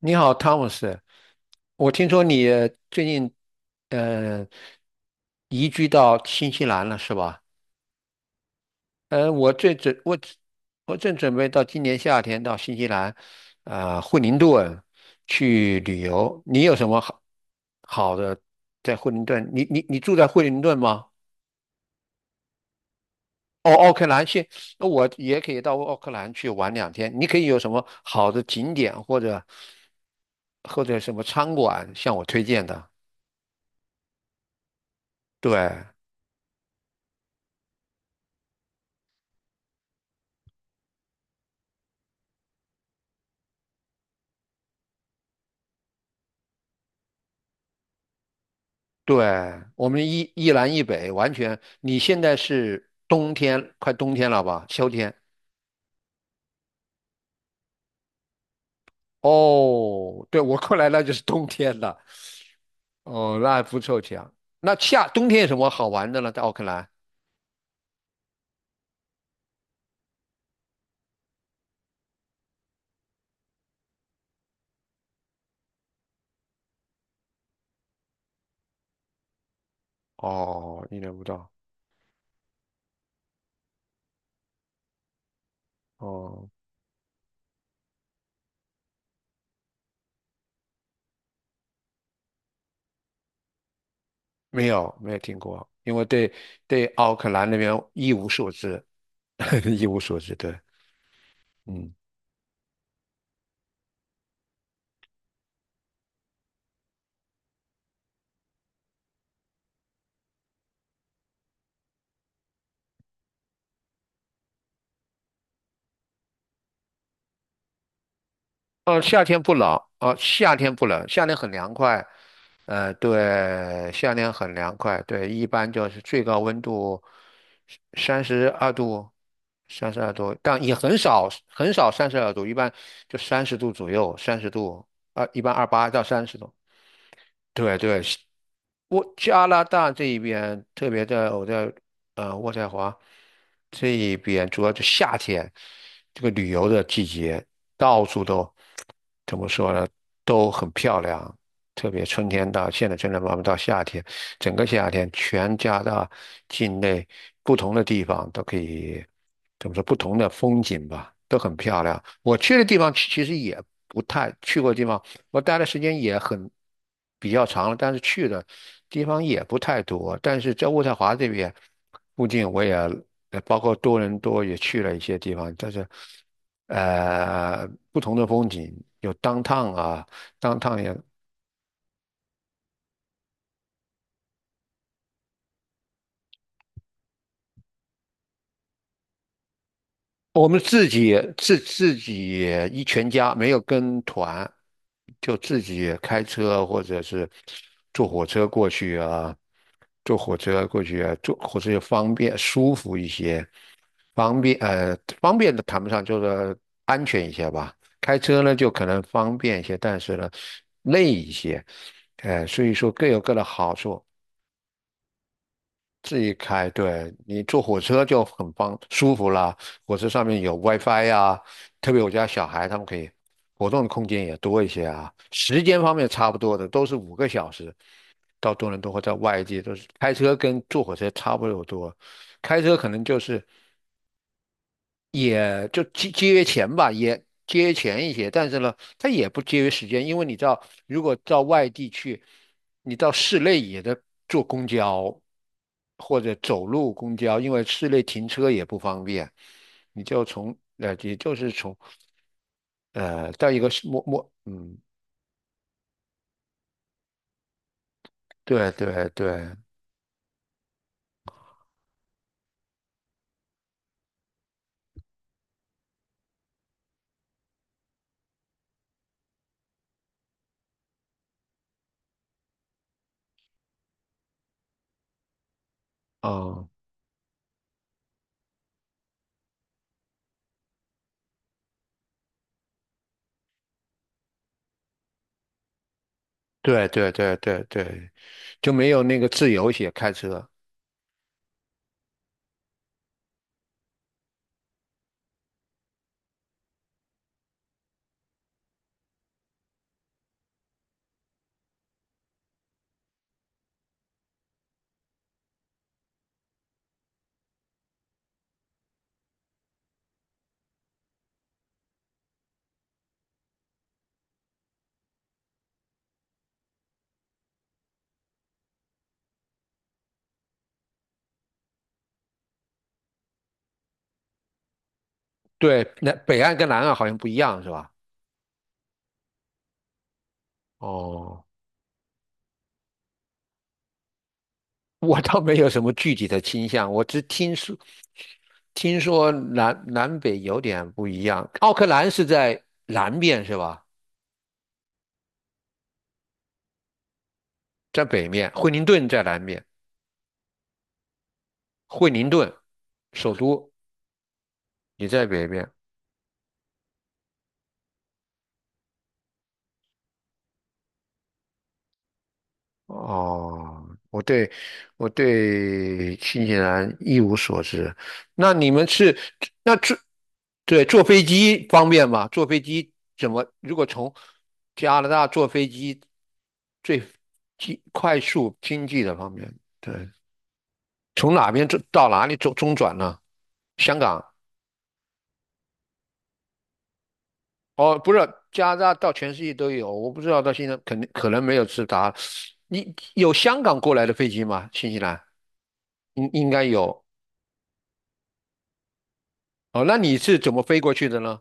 你好汤姆 o， 我听说你最近呃移居到新西兰了，是吧？呃，我最准我我正准备到今年夏天到新西兰，惠灵顿去旅游。你有什么好好的在惠灵顿？你住在惠灵顿吗？哦，奥克兰现那我也可以到奥克兰去玩2天。你可以有什么好的景点或者什么餐馆向我推荐的？对。对，我们一南一北，完全。你现在是冬天，快冬天了吧？秋天？哦，对，我过来那就是冬天了。哦，那还不凑巧。那冬天有什么好玩的呢？在奥克兰？哦，意想不到。哦，没有，没有听过，因为对奥克兰那边一无所知，一无所知。对，嗯。哦，夏天不冷，哦，夏天不冷，夏天很凉快，对，夏天很凉快，对，一般就是最高温度三十二度，三十二度，但也很少很少三十二度，一般就三十度左右，三十度，一般28到30度，对对，我加拿大这一边，特别在我在渥太华这一边，主要就夏天这个旅游的季节，到处都怎么说呢，都很漂亮。特别春天到现在，正天慢慢到夏天，整个夏天全加拿大境内不同的地方都可以怎么说，不同的风景吧，都很漂亮。我去的地方其实也不太去过的地方，我待的时间也很比较长了，但是去的地方也不太多，但是在渥太华这边附近，我也包括多伦多也去了一些地方，但是不同的风景有 downtown 啊，downtown 也我们自己全家没有跟团，就自己开车或者是坐火车过去啊，坐火车过去啊，坐火车也方便舒服一些，方便的谈不上，就是安全一些吧。开车呢就可能方便一些，但是呢累一些，所以说各有各的好处。自己开，对，你坐火车就很舒服啦。火车上面有 WiFi 呀，特别我家小孩他们可以活动的空间也多一些啊。时间方面差不多的，都是5个小时。到多伦多或在外地都是开车跟坐火车差不多，开车可能就是也就节约钱吧，也节约钱一些，但是呢，它也不节约时间，因为你知道，如果到外地去，你到市内也得坐公交或者走路公交，因为市内停车也不方便，你就从也就是从到一个是摸摸，嗯，对对对，嗯，对对对对对，就没有那个自由一些开车，对，那北岸跟南岸好像不一样是吧？哦。我倒没有什么具体的倾向，我只听说南北有点不一样。奥克兰是在南面是吧？在北面，惠灵顿在南面，惠灵顿首都也在北面。哦，我对我对新西兰一无所知。那你们是那坐对，坐飞机方便吗？坐飞机怎么？如果从加拿大坐飞机最快速经济的方面，对，从哪边到哪里中转呢？香港。哦，不是，加拿大到全世界都有，我不知道到现在肯定可能没有直达。你有香港过来的飞机吗？新西兰应该有哦。那你是怎么飞过去的呢？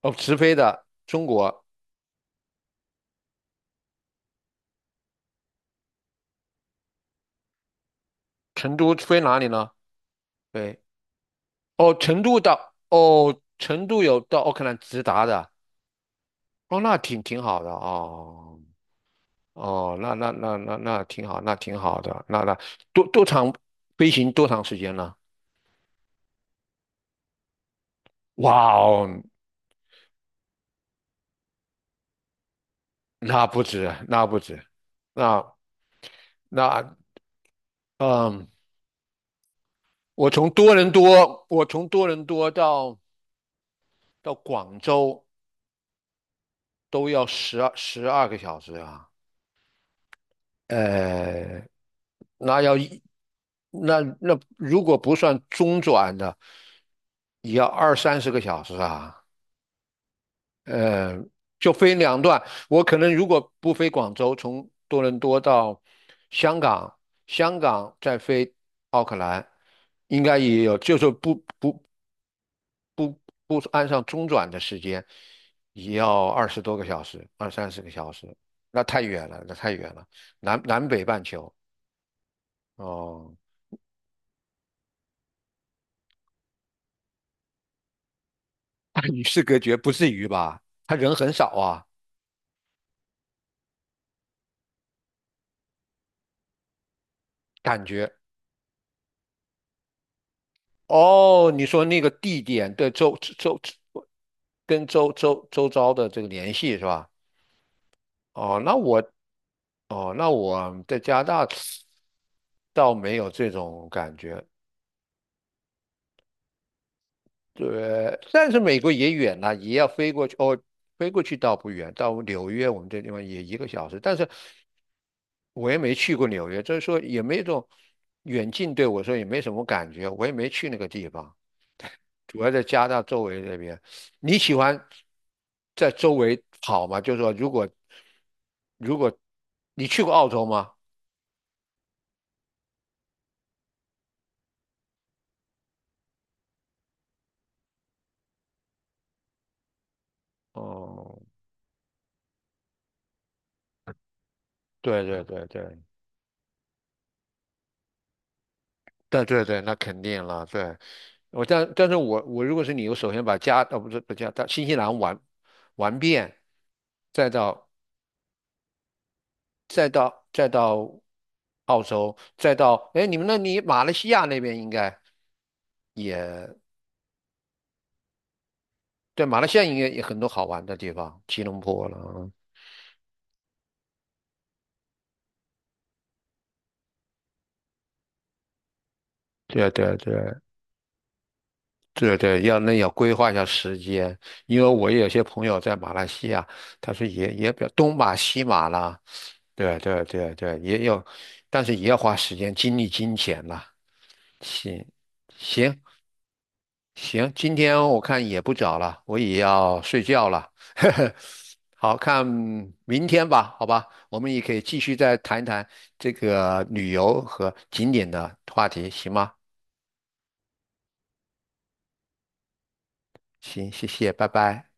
哦，直飞的中国。成都飞哪里呢？对，哦，成都到哦，成都有到奥克兰直达的哦，那挺好的哦。哦，那挺好，那挺好的，那多多长飞行多长时间呢？哇哦，那不止啊，那不止，那那嗯，我从多伦多到广州都要12个小时啊，呃，那要一那如果不算中转的，也要二三十个小时啊。呃，就飞两段。我可能如果不飞广州，从多伦多到香港，香港再飞奥克兰，应该也有，就是不按上中转的时间，也要二十多个小时，二三十个小时，那太远了，那太远了，南北半球哦，那与世隔绝，不至于吧？他人很少啊，感觉。哦，你说那个地点，对，周周周，跟周遭的这个联系是吧？哦，那我，哦，那我在加拿大倒没有这种感觉，对，但是美国也远了，也要飞过去，哦，飞过去倒不远，到纽约我们这地方也1个小时，但是我也没去过纽约，就是说也没这种远近对我说也没什么感觉，我也没去那个地方。主要在加拿大周围那边。你喜欢在周围跑吗？就是说，如果你去过澳洲吗？哦，对对对对，对对对，那肯定了。对，但是我如果是你，我首先把加不是不加，到新西兰遍，再到再到澳洲，再到你们那里马来西亚那边应该。对，马来西亚应该也很多好玩的地方，吉隆坡了。对对对对对，要规划一下时间，因为我也有些朋友在马来西亚，他说也比较东马西马啦，对对对对，也有，但是也要花时间、精力、金钱啦。行行行，今天我看也不早了，我也要睡觉了。好看，明天吧，好吧，我们也可以继续再谈一谈这个旅游和景点的话题，行吗？行，谢谢，拜拜。